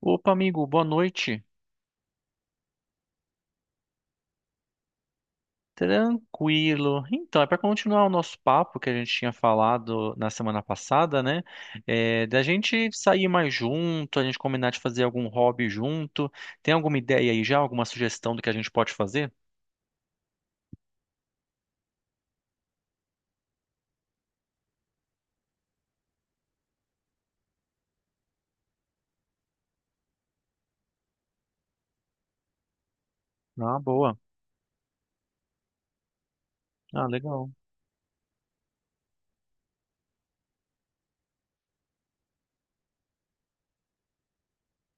Opa, amigo, boa noite. Tranquilo. Então, é para continuar o nosso papo que a gente tinha falado na semana passada, né? É, da gente sair mais junto, a gente combinar de fazer algum hobby junto. Tem alguma ideia aí já? Alguma sugestão do que a gente pode fazer? Ah, boa. Ah, legal.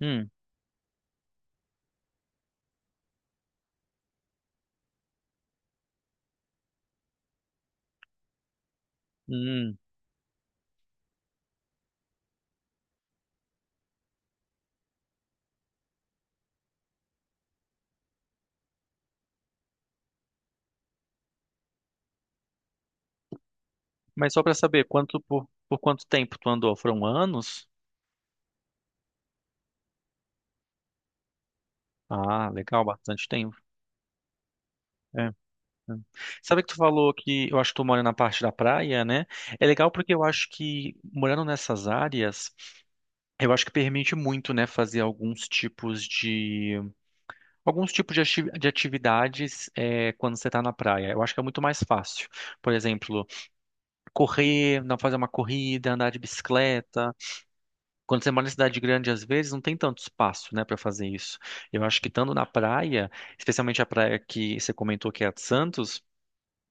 Hum, hum. Mas só para saber, quanto por quanto tempo tu andou? Foram anos? Ah, legal, bastante tempo. Hum. Sabe que tu falou que eu acho que tu mora na parte da praia, né? É legal porque eu acho que morando nessas áreas, eu acho que permite muito, né, fazer alguns tipos de de atividades, é, quando você tá na praia. Eu acho que é muito mais fácil. Por exemplo, correr, não, fazer uma corrida, andar de bicicleta. Quando você mora em cidade grande, às vezes não tem tanto espaço, né, para fazer isso. Eu acho que estando na praia, especialmente a praia que você comentou que é a de Santos,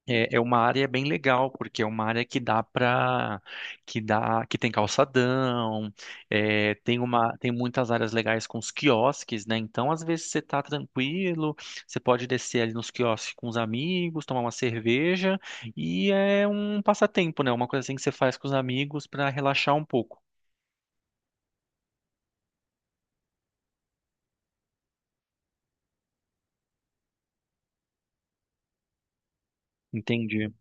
é, é uma área bem legal, porque é uma área que dá para que tem calçadão, é, tem muitas áreas legais com os quiosques, né? Então, às vezes você tá tranquilo, você pode descer ali nos quiosques com os amigos, tomar uma cerveja, e é um passatempo, né? Uma coisa assim que você faz com os amigos para relaxar um pouco. Entendi.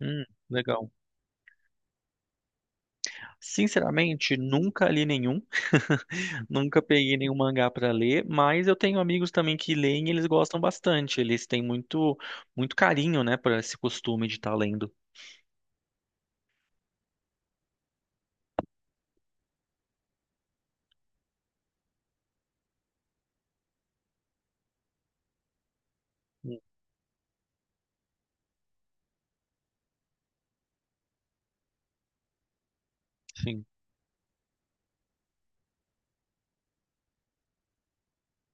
Hum, legal. Sinceramente, nunca li nenhum. Nunca peguei nenhum mangá para ler, mas eu tenho amigos também que leem e eles gostam bastante. Eles têm muito carinho, né, por esse costume de estar lendo. Hum. Sim,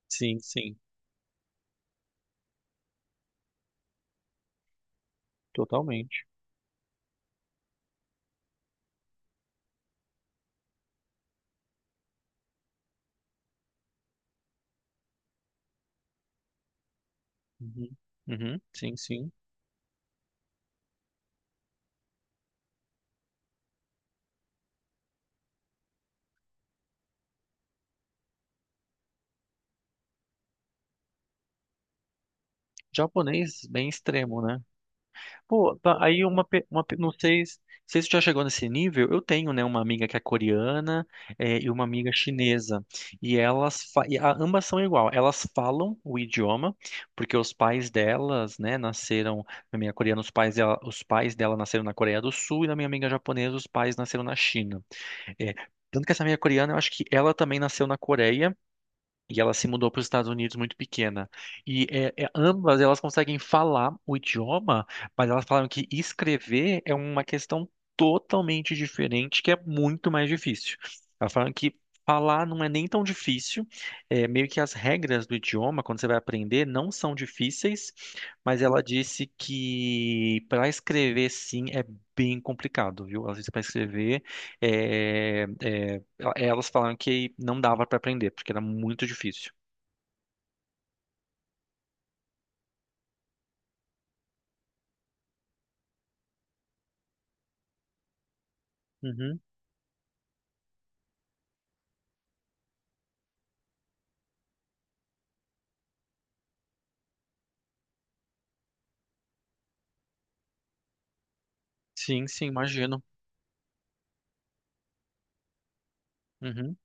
sim, sim, totalmente. Uhum, uhum, sim, sim. Japonês bem extremo, né? Pô, tá, aí uma, pe- não sei se isso já chegou nesse nível. Eu tenho, né, uma amiga que é coreana, e uma amiga chinesa, e elas, ambas são igual, elas falam o idioma, porque os pais delas, né, nasceram. Na minha coreana, os pais dela nasceram na Coreia do Sul, e na minha amiga japonesa, os pais nasceram na China. É, tanto que essa minha coreana, eu acho que ela também nasceu na Coreia, e ela se mudou para os Estados Unidos muito pequena. E ambas elas conseguem falar o idioma, mas elas falaram que escrever é uma questão totalmente diferente, que é muito mais difícil. Elas falaram que falar não é nem tão difícil, é, meio que as regras do idioma, quando você vai aprender, não são difíceis, mas ela disse que para escrever, sim, é bem complicado, viu? Ela disse para escrever é, é, elas falaram que não dava pra aprender, porque era muito difícil. Uhum. Sim, sim, imagino. Uhum.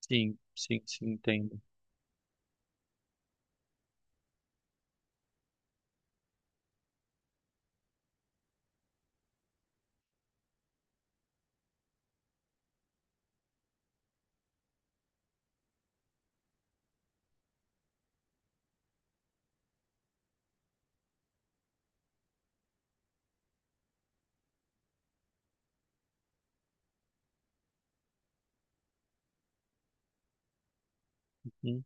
Sim, sim, sim, entendo. Uhum.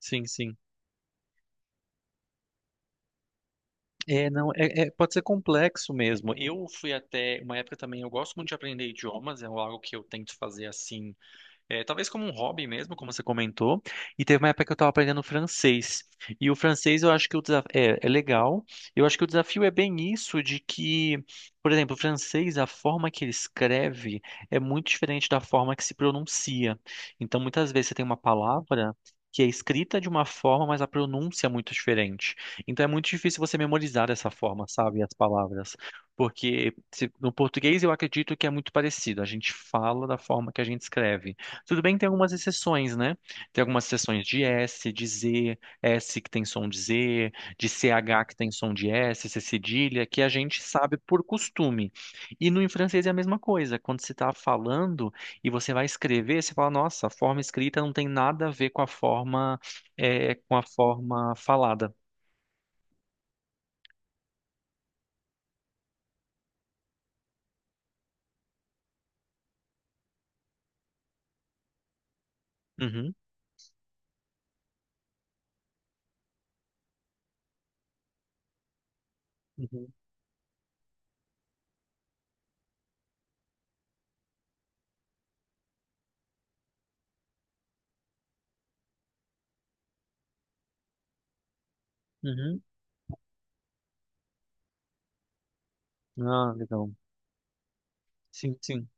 Sim, sim. É, não, é, é- Pode ser complexo mesmo. Eu fui até uma época também, eu gosto muito de aprender idiomas, é algo que eu tento fazer assim. É, talvez como um hobby mesmo, como você comentou. E teve uma época que eu estava aprendendo francês. E o francês, eu acho que o desafio é legal. Eu acho que o desafio é bem isso, de que, por exemplo, o francês, a forma que ele escreve é muito diferente da forma que se pronuncia. Então, muitas vezes você tem uma palavra que é escrita de uma forma, mas a pronúncia é muito diferente. Então é muito difícil você memorizar dessa forma, sabe, as palavras. Porque no português eu acredito que é muito parecido. A gente fala da forma que a gente escreve. Tudo bem que tem algumas exceções, né? Tem algumas exceções de S, de Z, S que tem som de Z, de CH que tem som de S, C cedilha, que a gente sabe por costume. E no, em francês é a mesma coisa. Quando você está falando e você vai escrever, você fala, nossa, a forma escrita não tem nada a ver com a forma, é, com a forma falada. Uhum, uhum, uhum. Ah, legal. Sim, sim.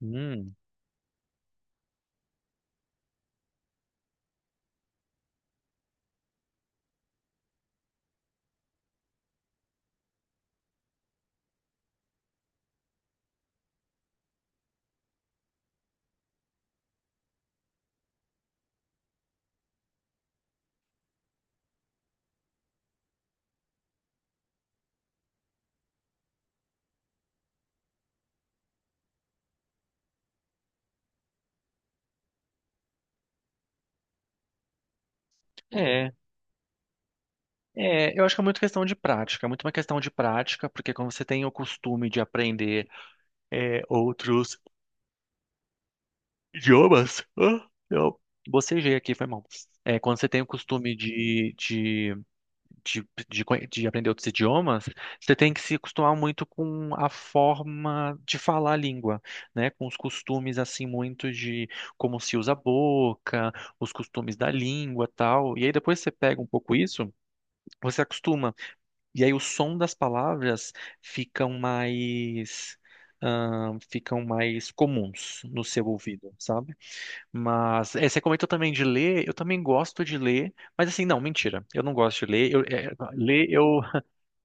Hum, é. É, eu acho que é muito questão de prática, porque quando você tem o costume de aprender, é, outros idiomas, ah, eu bocejei aqui, foi mal. É, quando você tem o costume de aprender outros idiomas, você tem que se acostumar muito com a forma de falar a língua, né? Com os costumes, assim, muito de como se usa a boca, os costumes da língua, tal. E aí depois você pega um pouco isso, você acostuma. E aí o som das palavras ficam mais, ficam mais comuns no seu ouvido, sabe? Mas é, você comentou também de ler, eu também gosto de ler, mas assim, não, mentira, eu não gosto de ler, eu, é, ler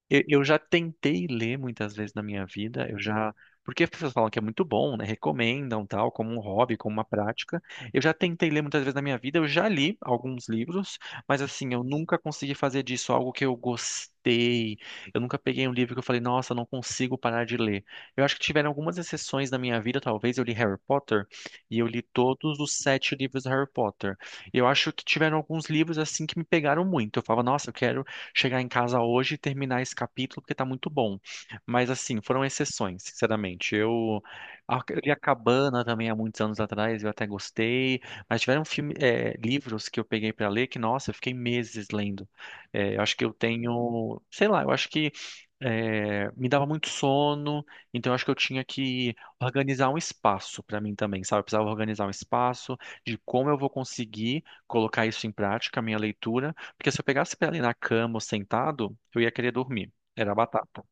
eu já tentei ler muitas vezes na minha vida, porque as pessoas falam que é muito bom, né? Recomendam tal, como um hobby, como uma prática. Eu já tentei ler muitas vezes na minha vida, eu já li alguns livros, mas assim, eu nunca consegui fazer disso algo que eu gostei. Eu nunca peguei um livro que eu falei, nossa, não consigo parar de ler. Eu acho que tiveram algumas exceções na minha vida, talvez eu li Harry Potter e eu li todos os sete livros do Harry Potter. Eu acho que tiveram alguns livros assim que me pegaram muito. Eu falava, nossa, eu quero chegar em casa hoje e terminar esse capítulo porque tá muito bom. Mas assim, foram exceções, sinceramente. Eu li A Cabana também há muitos anos atrás, eu até gostei, mas tiveram livros que eu peguei pra ler que, nossa, eu fiquei meses lendo. É, eu acho que eu tenho, sei lá, eu acho que é, me dava muito sono, então eu acho que eu tinha que organizar um espaço para mim também, sabe? Eu precisava organizar um espaço de como eu vou conseguir colocar isso em prática, a minha leitura, porque se eu pegasse pra ali na cama ou sentado, eu ia querer dormir. Era batata.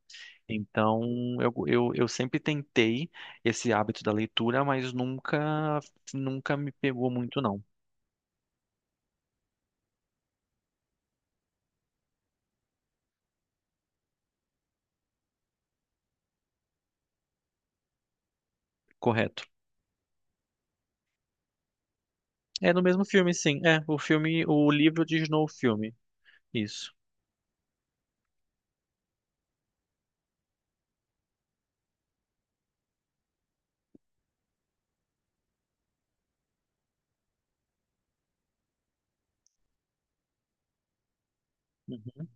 Então, eu sempre tentei esse hábito da leitura, mas nunca, nunca me pegou muito, não. Correto. É no mesmo filme, sim. É, o filme, o livro diz no filme. Isso. Uhum.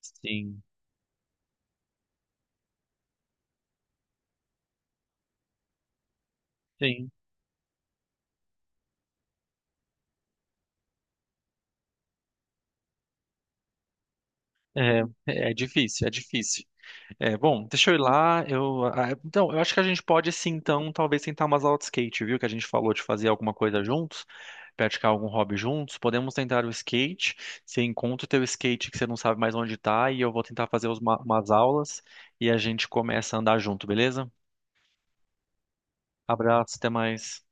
Sim, sim. É, é difícil, é difícil. É, bom, deixa eu ir lá. Eu, ah, então, eu acho que a gente pode, sim, então, talvez tentar umas aulas de skate, viu? Que a gente falou de fazer alguma coisa juntos, praticar algum hobby juntos. Podemos tentar o skate. Você encontra o teu skate que você não sabe mais onde tá e eu vou tentar fazer umas aulas e a gente começa a andar junto, beleza? Abraço, até mais.